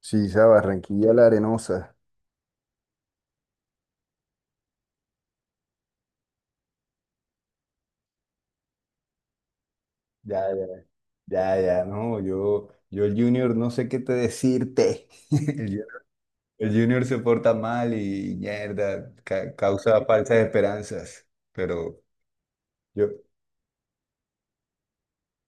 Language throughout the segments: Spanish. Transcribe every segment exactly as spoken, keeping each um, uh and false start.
Sí, esa Barranquilla la Arenosa. Ya, ya, ya, ya, no, yo, yo el Junior no sé qué te decirte. El, ju- el Junior se porta mal y mierda, ca- causa falsas esperanzas. Pero yo,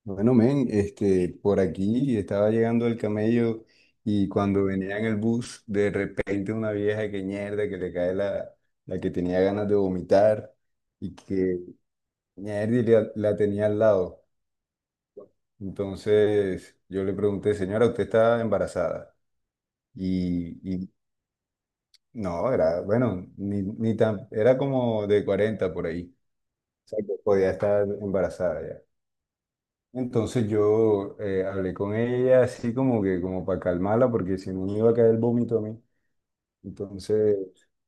bueno, men, este, por aquí estaba llegando el camello y cuando venía en el bus, de repente una vieja que mierda, que le cae la, la que tenía ganas de vomitar y que mierda y la, la tenía al lado. Entonces yo le pregunté, señora, ¿usted está embarazada? Y, y no, era, bueno, ni, ni tan, era como de cuarenta por ahí. O sea, que podía estar embarazada ya. Entonces yo eh, hablé con ella así como que como para calmarla porque si no me iba a caer el vómito a mí. Entonces,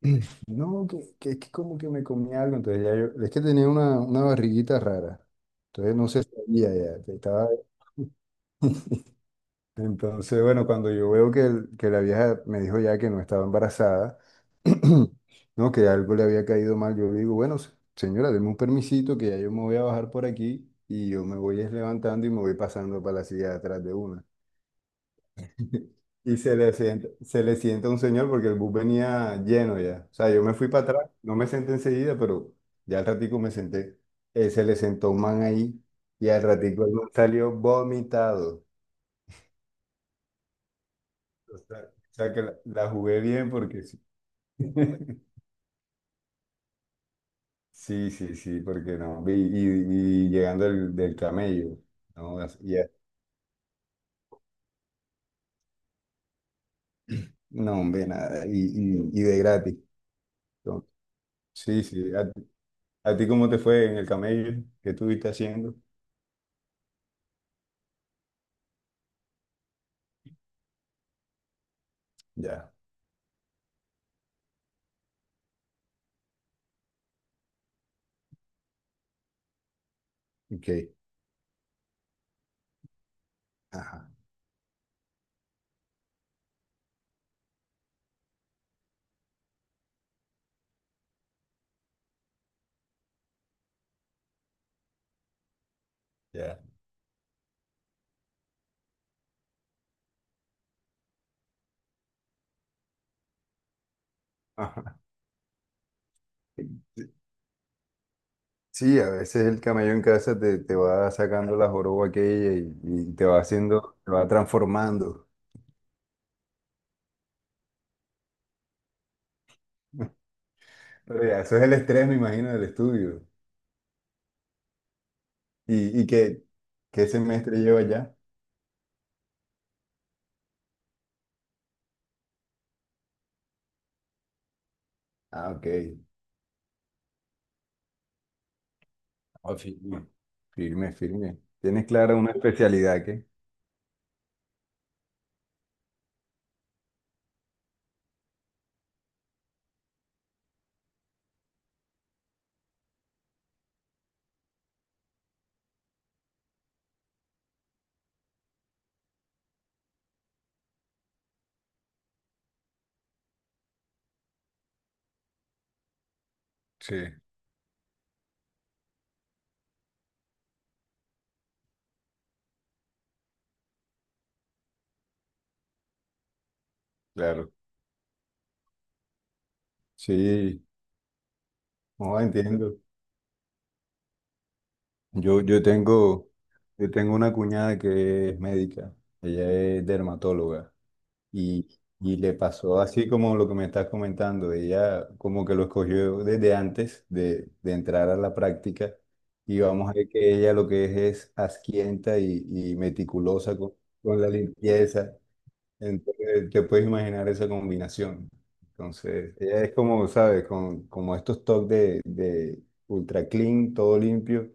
no, que, que es que como que me comí algo. Entonces ya yo, es que tenía una, una barriguita rara. Entonces no se sabía ya, que estaba... Entonces, bueno, cuando yo veo que, el- que la vieja me dijo ya que no estaba embarazada, no, que algo le había caído mal, yo le digo, bueno, se- señora, deme un permisito que ya yo me voy a bajar por aquí y yo me voy es levantando y me voy pasando para la silla de atrás de una. Y se le sienta, se le sienta un señor porque el bus venía lleno ya. O sea, yo me fui para atrás, no me senté enseguida, pero ya al ratico me senté. Eh, se le sentó un man ahí y al ratico el man salió vomitado. O sea, o sea que la, la jugué bien porque sí, sí, sí, sí, porque no. Y, y- y llegando del, del camello, no, así, ya, no, hombre, nada, y, y, y de gratis. Entonces, sí, sí, ¿a, ti ¿a ti cómo te fue en el camello? ¿Qué estuviste haciendo? Ya, ok, ajá, ya. Ajá. Sí, a veces el camello en casa te, te va sacando la joroba aquella y, y te va haciendo, te va transformando. Pero ya, eso es el estrés, me imagino, del estudio. ¿Y, y qué, Qué semestre lleva ya? Ah, ok. Ah, firme. Firme, firme. ¿Tienes clara una especialidad que? Sí, claro. Sí, no entiendo. Yo, yo tengo, yo tengo una cuñada que es médica, ella es dermatóloga y, y le pasó así como lo que me estás comentando, ella como que lo escogió desde antes de, de entrar a la práctica y vamos a ver que ella lo que es es asquienta y, y meticulosa con, con la limpieza. Entonces, te puedes imaginar esa combinación. Entonces, ella es como, ¿sabes? Con, como estos toques de, de ultra clean, todo limpio.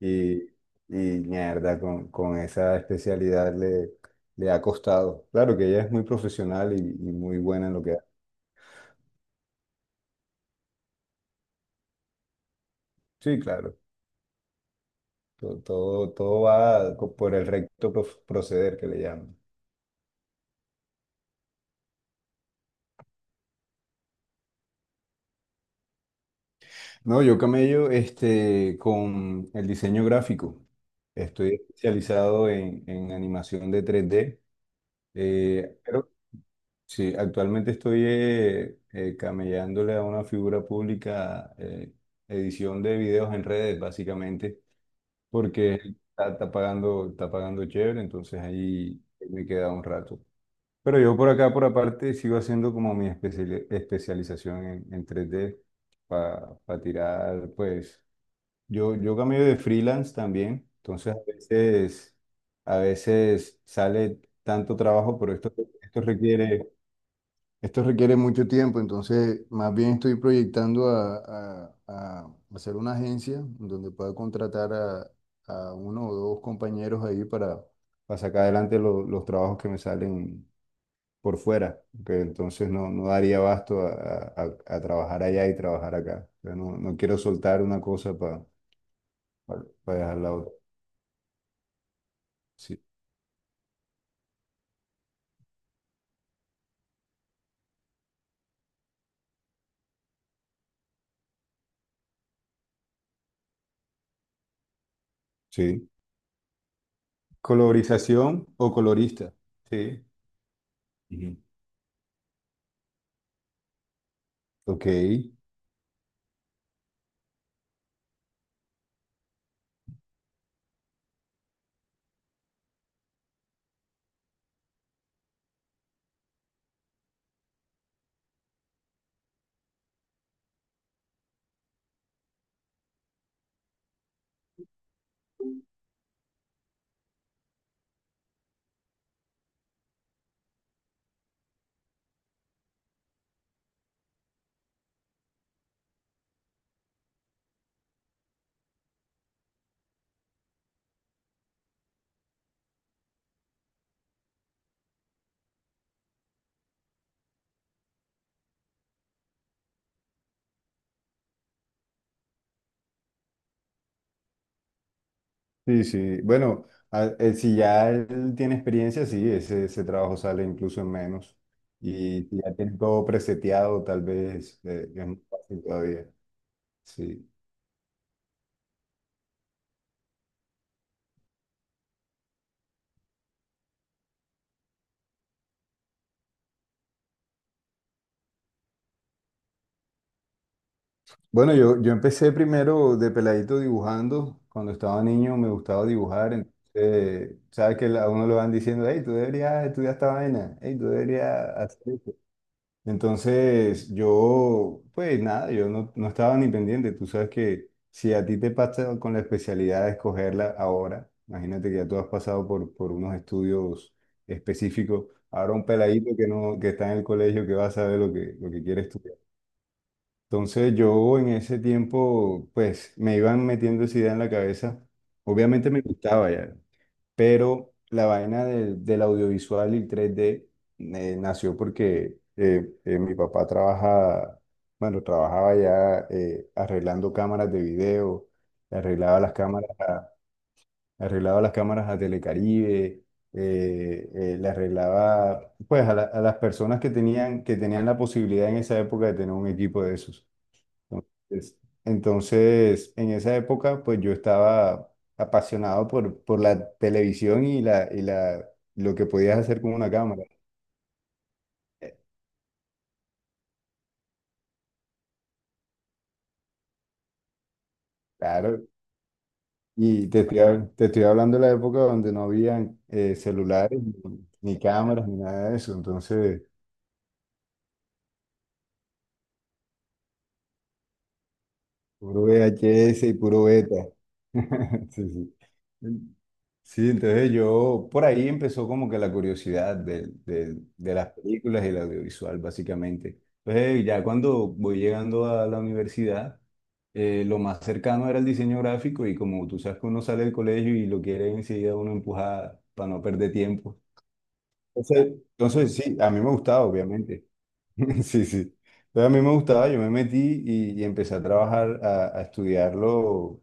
Y, y mierda, con, con esa especialidad le, le ha costado. Claro que ella es muy profesional y, y muy buena en lo que hace. Sí, claro. Todo, todo, todo va co- por el recto pro- proceder que le llaman. No, yo camello este, con el diseño gráfico. Estoy especializado en, en animación de tres d. Eh, pero sí, actualmente estoy eh, eh, camellándole a una figura pública, eh, edición de videos en redes, básicamente, porque está, está pagando, está pagando chévere, entonces ahí me queda un rato. Pero yo por acá, por aparte, sigo haciendo como mi especiali- especialización en, en tres d para tirar, pues, yo, yo cambio de freelance también, entonces a veces, a veces sale tanto trabajo, pero esto, esto requiere esto requiere mucho tiempo, entonces más bien estoy proyectando a, a- a hacer una agencia donde pueda contratar a, a uno o dos compañeros ahí para, para sacar adelante lo- los trabajos que me salen por fuera, que entonces no, no daría abasto a, a- a trabajar allá y trabajar acá. O sea, no, no quiero soltar una cosa para dejar la otra. Sí. Sí. Colorización o colorista. Sí. Ujú. Ok. Sí, sí. Bueno, a- eh, si ya él tiene experiencia, sí, ese, ese trabajo sale incluso en menos. Y si ya tiene todo preseteado, tal vez eh, es más fácil todavía. Sí. Bueno, yo, yo empecé primero de peladito dibujando. Cuando estaba niño me gustaba dibujar. Entonces, sabes que a uno le van diciendo, hey, tú deberías estudiar esta vaina. Hey, tú deberías hacer... Entonces, yo, pues nada, yo no, no estaba ni pendiente. Tú sabes que si a ti te pasa con la especialidad de escogerla ahora, imagínate que ya tú has pasado por, por unos estudios específicos. Ahora un peladito que no, que está en el colegio que va a saber lo que, lo que quiere estudiar. Entonces, yo en ese tiempo, pues me iban metiendo esa idea en la cabeza. Obviamente me gustaba ya pero la vaina del del audiovisual y el tres D eh, nació porque eh, eh, mi papá trabaja, bueno, trabajaba ya eh, arreglando cámaras de video, arreglaba las cámaras a, arreglaba las cámaras a Telecaribe, eh, eh, le arreglaba pues a, la- a las personas que tenían, que tenían la posibilidad en esa época de tener un equipo de esos. Entonces, entonces, en esa época, pues yo estaba apasionado por, por la televisión y, la, y la, lo que podías hacer con una cámara. Eh, Claro, y te estoy, hab- te estoy hablando de la época donde no habían eh, celulares, ni, ni cámaras, ni nada de eso. Entonces, puro V H S y puro beta. Sí, sí. Sí, entonces yo, por ahí empezó como que la curiosidad de, de- de las películas y el audiovisual, básicamente. Entonces ya cuando voy llegando a la universidad, eh, lo más cercano era el diseño gráfico y como tú sabes que uno sale del colegio y lo quiere enseguida uno empujar para no perder tiempo. Entonces, entonces sí, a mí me gustaba, obviamente. Sí, sí. Entonces a mí me gustaba, yo me metí y, y empecé a trabajar, a, a estudiarlo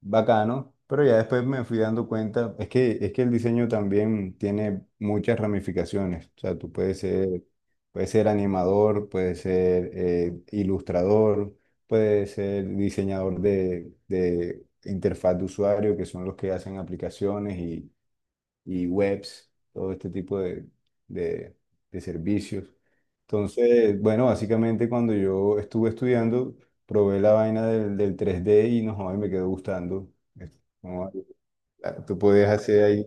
bacano, pero ya después me fui dando cuenta, es que, es que el diseño también tiene muchas ramificaciones, o sea, tú puedes ser, puedes ser animador, puedes ser eh, ilustrador, puedes ser diseñador de, de interfaz de usuario, que son los que hacen aplicaciones y webs, todo este tipo de, de, de servicios. Entonces, bueno, básicamente cuando yo estuve estudiando, probé la vaina del, del tres d y no, joder, me quedó gustando. Es como, ah, tú podías hacer ahí.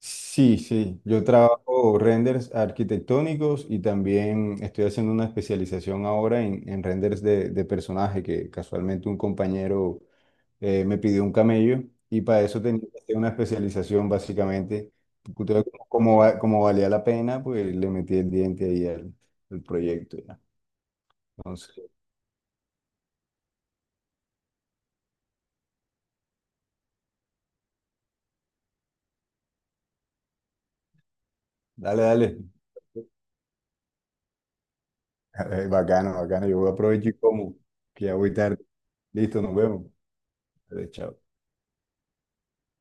Sí, sí, yo trabajo renders arquitectónicos y también estoy haciendo una especialización ahora en, en renders de, de personaje, que casualmente un compañero eh, me pidió un camello y para eso tenía que hacer una especialización básicamente. Entonces, como, como va- como valía la pena, pues le metí el diente ahí al, al proyecto ya. Entonces, dale, dale. Eh, Bacano, bacano, yo voy a aprovechar y como, que ya voy tarde. Listo, nos vemos. Dale, chao.